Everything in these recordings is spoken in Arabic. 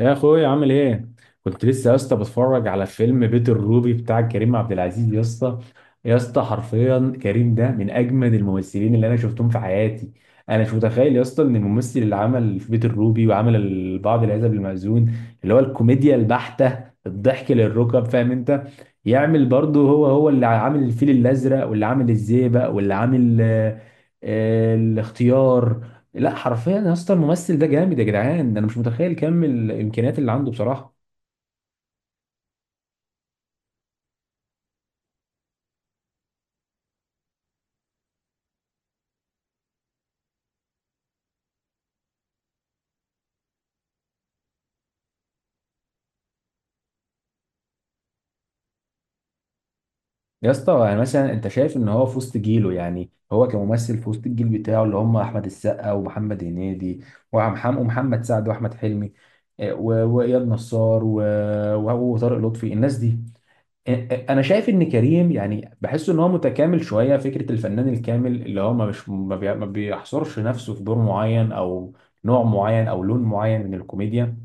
يا اخويا عامل ايه؟ كنت لسه يا اسطى بتفرج على فيلم بيت الروبي بتاع كريم عبد العزيز يا اسطى. يا اسطى حرفيا كريم ده من اجمد الممثلين اللي انا شفتهم في حياتي. انا مش متخيل يا اسطى ان الممثل اللي عمل في بيت الروبي وعمل بعض العزب المأذون، اللي هو الكوميديا البحتة، الضحك للركب، فاهم انت. يعمل برضه هو اللي عامل الفيل الازرق، واللي عامل الزيبق، واللي عامل الاختيار. لا حرفيا يا اسطى الممثل ده جامد يا جدعان، انا مش متخيل كم الامكانيات اللي عنده بصراحه. يا اسطى يعني مثلا انت شايف ان هو في وسط جيله، يعني هو كممثل في وسط الجيل بتاعه اللي هم احمد السقا ومحمد هنيدي ومحمد سعد واحمد حلمي. واياد نصار وهو وطارق لطفي، الناس دي. انا شايف ان كريم يعني، بحس ان هو متكامل شويه، فكره الفنان الكامل اللي هو ما مش ما بي- ما بيحصرش نفسه في دور معين او نوع معين او لون معين من الكوميديا.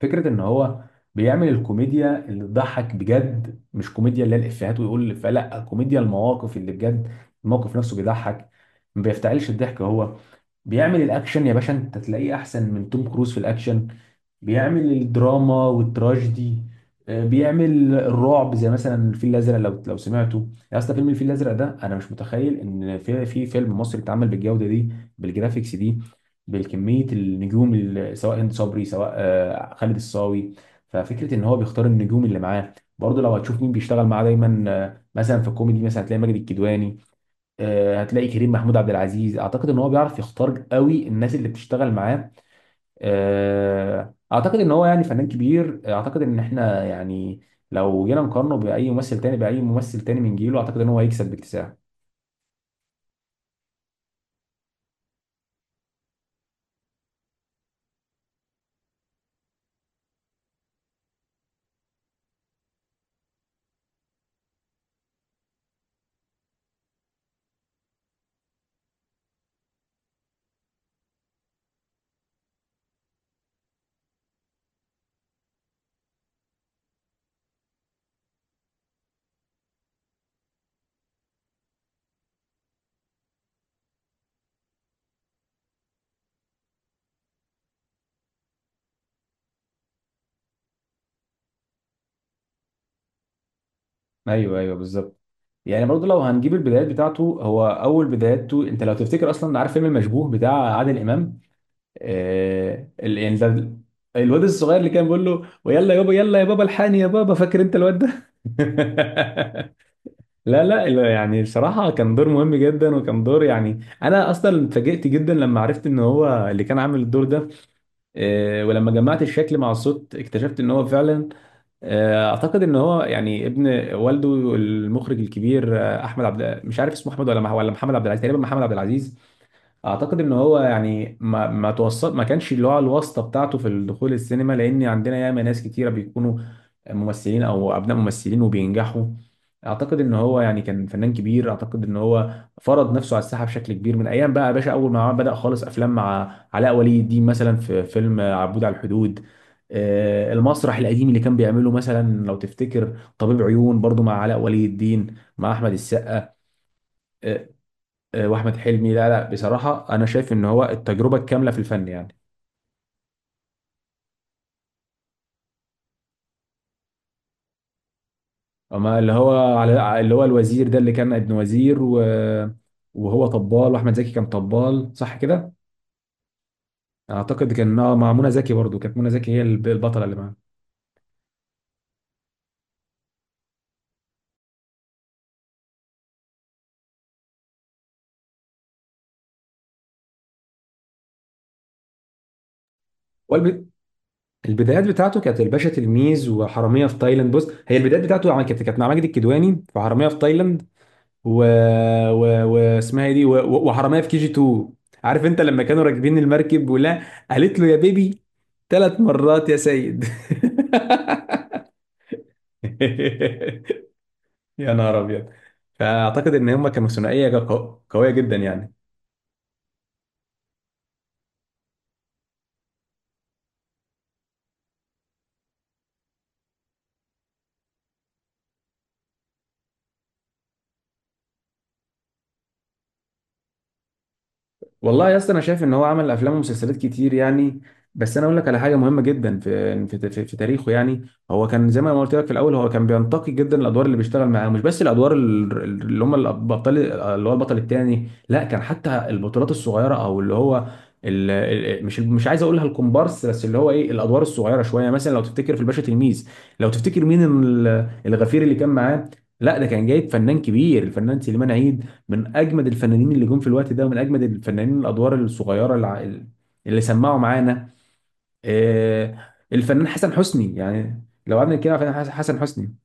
فكرة ان هو بيعمل الكوميديا اللي تضحك بجد، مش كوميديا اللي هي الافيهات ويقول الافيه، لا كوميديا المواقف اللي بجد، الموقف نفسه بيضحك، ما بيفتعلش الضحك هو. بيعمل الاكشن يا باشا، انت تلاقيه احسن من توم كروز في الاكشن. بيعمل الدراما والتراجيدي. بيعمل الرعب زي مثلا الفيل الازرق، لو سمعته. يا اسطى فيلم الفيل الازرق ده انا مش متخيل ان في فيلم مصري اتعمل بالجوده دي، بالجرافيكس دي، بالكميه النجوم سواء هند صبري سواء خالد الصاوي. ففكره ان هو بيختار النجوم اللي معاه. برضه لو هتشوف مين بيشتغل معاه دايما، مثلا في الكوميدي مثلا هتلاقي ماجد الكدواني، هتلاقي كريم محمود عبد العزيز. اعتقد ان هو بيعرف يختار قوي الناس اللي بتشتغل معاه. اعتقد ان هو يعني فنان كبير. اعتقد ان احنا يعني لو جينا نقارنه باي ممثل تاني، من جيله، اعتقد ان هو هيكسب باكتساح. ايوه ايوه بالظبط. يعني برضه لو هنجيب البدايات بتاعته، هو اول بداياته انت لو تفتكر، اصلا عارف فيلم المشبوه بتاع عادل امام؟ يعني ده الواد الصغير اللي كان بيقول له ويلا يابا، يلا يا بابا، الحقني يا بابا، فاكر انت الواد ده؟ لا لا لا، يعني بصراحة كان دور مهم جدا، وكان دور يعني، أنا أصلا اتفاجئت جدا لما عرفت إن هو اللي كان عامل الدور ده. ولما جمعت الشكل مع الصوت اكتشفت إن هو فعلا. أعتقد إن هو يعني ابن والده المخرج الكبير أحمد عبد، مش عارف اسمه أحمد ولا محمد عبد العزيز، تقريبا محمد عبد العزيز. اعتقد ان هو يعني ما توصل، ما كانش اللي هو الواسطه بتاعته في الدخول السينما، لان عندنا ياما ناس كتيره بيكونوا ممثلين او ابناء ممثلين وبينجحوا. اعتقد ان هو يعني كان فنان كبير، اعتقد ان هو فرض نفسه على الساحه بشكل كبير من ايام بقى يا باشا. اول ما بدا خالص افلام مع علاء ولي الدين مثلا في فيلم عبود على الحدود، المسرح القديم اللي كان بيعمله مثلا لو تفتكر طبيب عيون برضو مع علاء ولي الدين مع احمد السقا. آه، واحمد حلمي. لا لا بصراحه انا شايف ان هو التجربه الكامله في الفن يعني. اما اللي هو، على اللي هو الوزير ده اللي كان ابن وزير وهو طبال، واحمد زكي كان طبال، صح كده؟ اعتقد كان مع منى زكي برضو، كانت منى زكي هي البطله اللي معاه. والب... البدايات بتاعته كانت الباشا تلميذ وحراميه في تايلاند. بص، هي البدايات بتاعته كانت مع ماجد الكدواني في حراميه في تايلاند، و... و... واسمها ايه دي، وحرامية في كي جي 2. عارف انت لما كانوا راكبين المركب ولا؟ قالت له يا بيبي، ثلاث مرات يا سيد. يا نهار ابيض. فاعتقد ان هم كانوا ثنائيه قويه جدا يعني. والله يا اسطى انا شايف ان هو عمل افلام ومسلسلات كتير يعني. بس انا اقول لك على حاجه مهمه جدا في تاريخه يعني. هو كان زي ما أنا قلت لك في الاول، هو كان بينتقي جدا الادوار اللي بيشتغل معاها، مش بس الادوار اللي هم الابطال، اللي هو البطل الثاني، لا كان حتى البطولات الصغيره، او اللي هو مش عايز اقولها الكومبارس، بس اللي هو ايه الادوار الصغيره شويه. مثلا لو تفتكر في الباشا تلميذ، لو تفتكر مين الغفير اللي كان معاه، لا ده كان جايب فنان كبير، الفنان سليمان عيد، من اجمد الفنانين اللي جم في الوقت ده، ومن اجمد الفنانين الادوار الصغيره اللي سمعوا معانا. آه، الفنان حسن حسني، يعني لو قعدنا نتكلم عن الفنان حسن حسني.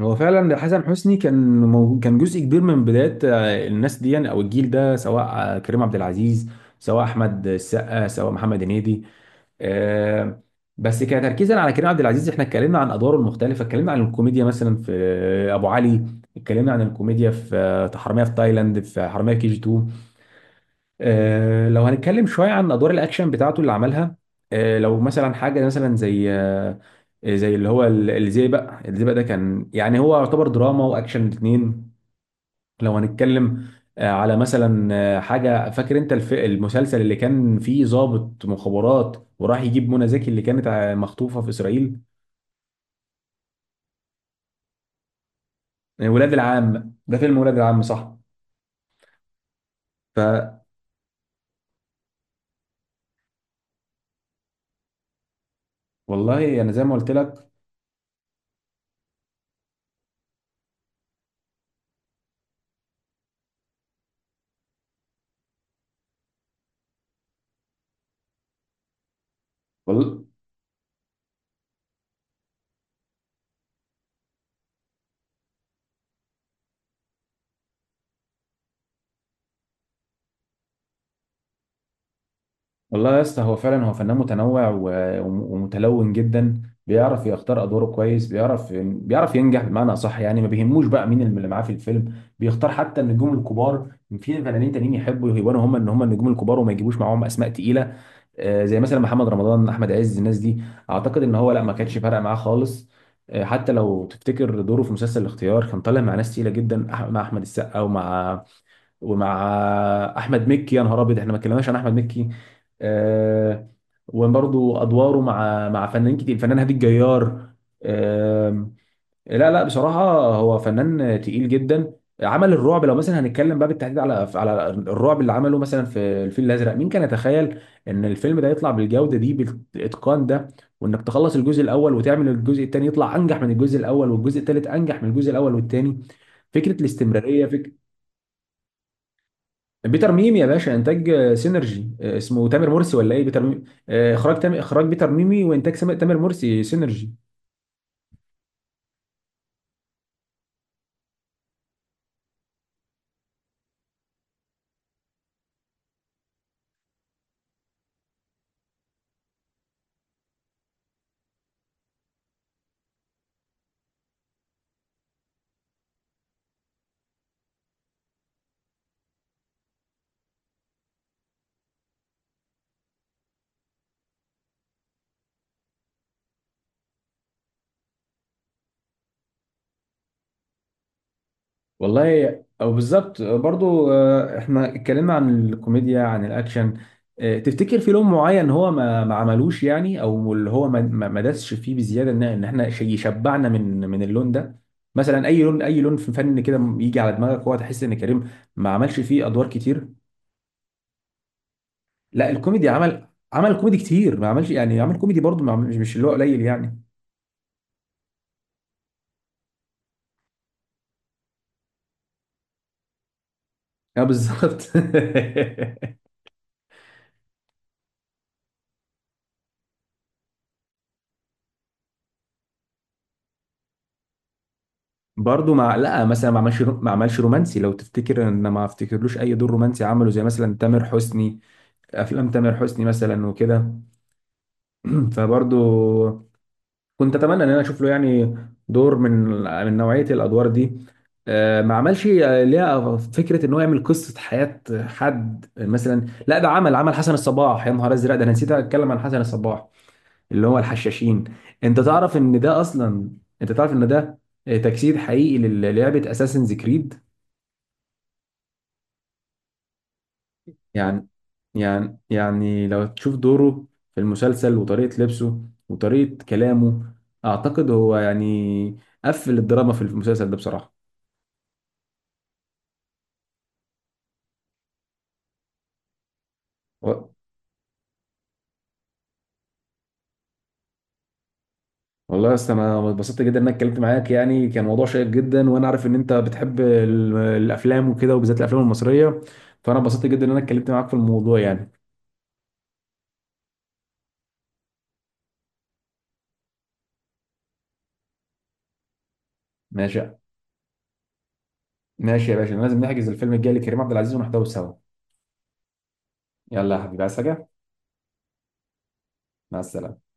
هو فعلا حسن حسني كان كان جزء كبير من بدايه الناس دي يعني او الجيل ده، سواء كريم عبد العزيز، سواء احمد السقا، سواء محمد هنيدي. آه، بس كتركيزا على كريم عبد العزيز، احنا اتكلمنا عن ادواره المختلفه، اتكلمنا عن الكوميديا مثلا في ابو علي، اتكلمنا عن الكوميديا في حراميه في تايلاند، في حراميه كي جي 2. لو هنتكلم شويه عن ادوار الاكشن بتاعته اللي عملها، لو مثلا حاجه مثلا زي زي اللي هو الزيبق. الزيبق ده كان يعني هو يعتبر دراما واكشن الاثنين. لو هنتكلم على مثلا حاجه، فاكر انت المسلسل اللي كان فيه ضابط مخابرات وراح يجيب منى زكي اللي كانت مخطوفه في اسرائيل؟ ولاد العم، ده فيلم ولاد العم صح. فوالله انا زي ما قلت لك. وال... والله يا اسطى هو فعلا هو فنان متنوع ومتلون جدا. بيعرف يختار ادواره كويس، بيعرف ينجح بمعنى صح، يعني ما بيهموش بقى مين اللي معاه في الفيلم، بيختار حتى النجوم الكبار. في فنانين تانيين يحبوا يبانوا هم ان هم النجوم الكبار، وما يجيبوش معاهم اسماء تقيله. زي مثلا محمد رمضان، احمد عز، الناس دي. اعتقد ان هو لا، ما كانش فارقه معاه خالص. حتى لو تفتكر دوره في مسلسل الاختيار، كان طالع مع ناس تقيله جدا، مع احمد السقا ومع احمد مكي. يا نهار ابيض، احنا ما اتكلمناش عن احمد مكي. آه، وبرضه ادواره مع فنانين كتير، الفنان هادي الجيار. لا لا بصراحة هو فنان تقيل جدا. عمل الرعب، لو مثلا هنتكلم بقى بالتحديد على الرعب اللي عمله مثلا في الفيل الأزرق، مين كان يتخيل إن الفيلم ده يطلع بالجودة دي، بالإتقان ده، وإنك تخلص الجزء الأول وتعمل الجزء الثاني يطلع أنجح من الجزء الأول، والجزء الثالث أنجح من الجزء الأول والثاني. فكرة الاستمرارية، فكرة بيتر ميمي يا باشا. إنتاج سينرجي، اسمه تامر مرسي ولا إيه، بيتر ميمي. إخراج إخراج بيتر ميمي، وإنتاج تامر مرسي سينرجي. والله او بالظبط برضو. احنا اتكلمنا عن الكوميديا، عن الاكشن، تفتكر في لون معين هو ما عملوش، يعني او اللي هو ما دسش فيه بزياده ان إن احنا شيء يشبعنا من اللون ده؟ مثلا اي لون، في فن كده يجي على دماغك هو، تحس ان كريم ما عملش فيه ادوار كتير؟ لا الكوميدي عمل، عمل كوميدي كتير، ما عملش يعني، عمل كوميدي برضو، ما عمل- مش مش اللي هو قليل يعني. اه بالظبط. برضه مع لا مثلا، ما عملش رومانسي لو تفتكر، ان ما افتكرلوش اي دور رومانسي عمله زي مثلا تامر حسني، افلام تامر حسني مثلا وكده. فبرضه كنت اتمنى ان انا اشوف له يعني دور من من نوعيه الادوار دي. ما عملش ليها فكره ان هو يعمل قصه حياه حد مثلا. لا ده عمل، عمل حسن الصباح. يا نهار ازرق، ده انا نسيت اتكلم عن حسن الصباح، اللي هو الحشاشين. انت تعرف ان ده اصلا، انت تعرف ان ده تجسيد حقيقي للعبه اساسنز كريد. يعني يعني لو تشوف دوره في المسلسل، وطريقة لبسه، وطريقة كلامه، أعتقد هو يعني قفل الدراما في المسلسل ده بصراحة. و- والله يا اسطى أنا اتبسطت جدا إن أنا اتكلمت معاك، يعني كان موضوع شيق جدا، وأنا عارف إن أنت بتحب الأفلام وكده، وبالذات الأفلام المصرية. فأنا اتبسطت جدا إن أنا اتكلمت معاك في الموضوع يعني. ماشي، ماشي يا باشا، لازم نحجز الفيلم الجاي لكريم عبد العزيز ونحضره سوا. يلا يا حبيبي، عايز حاجة؟ مع السلامة.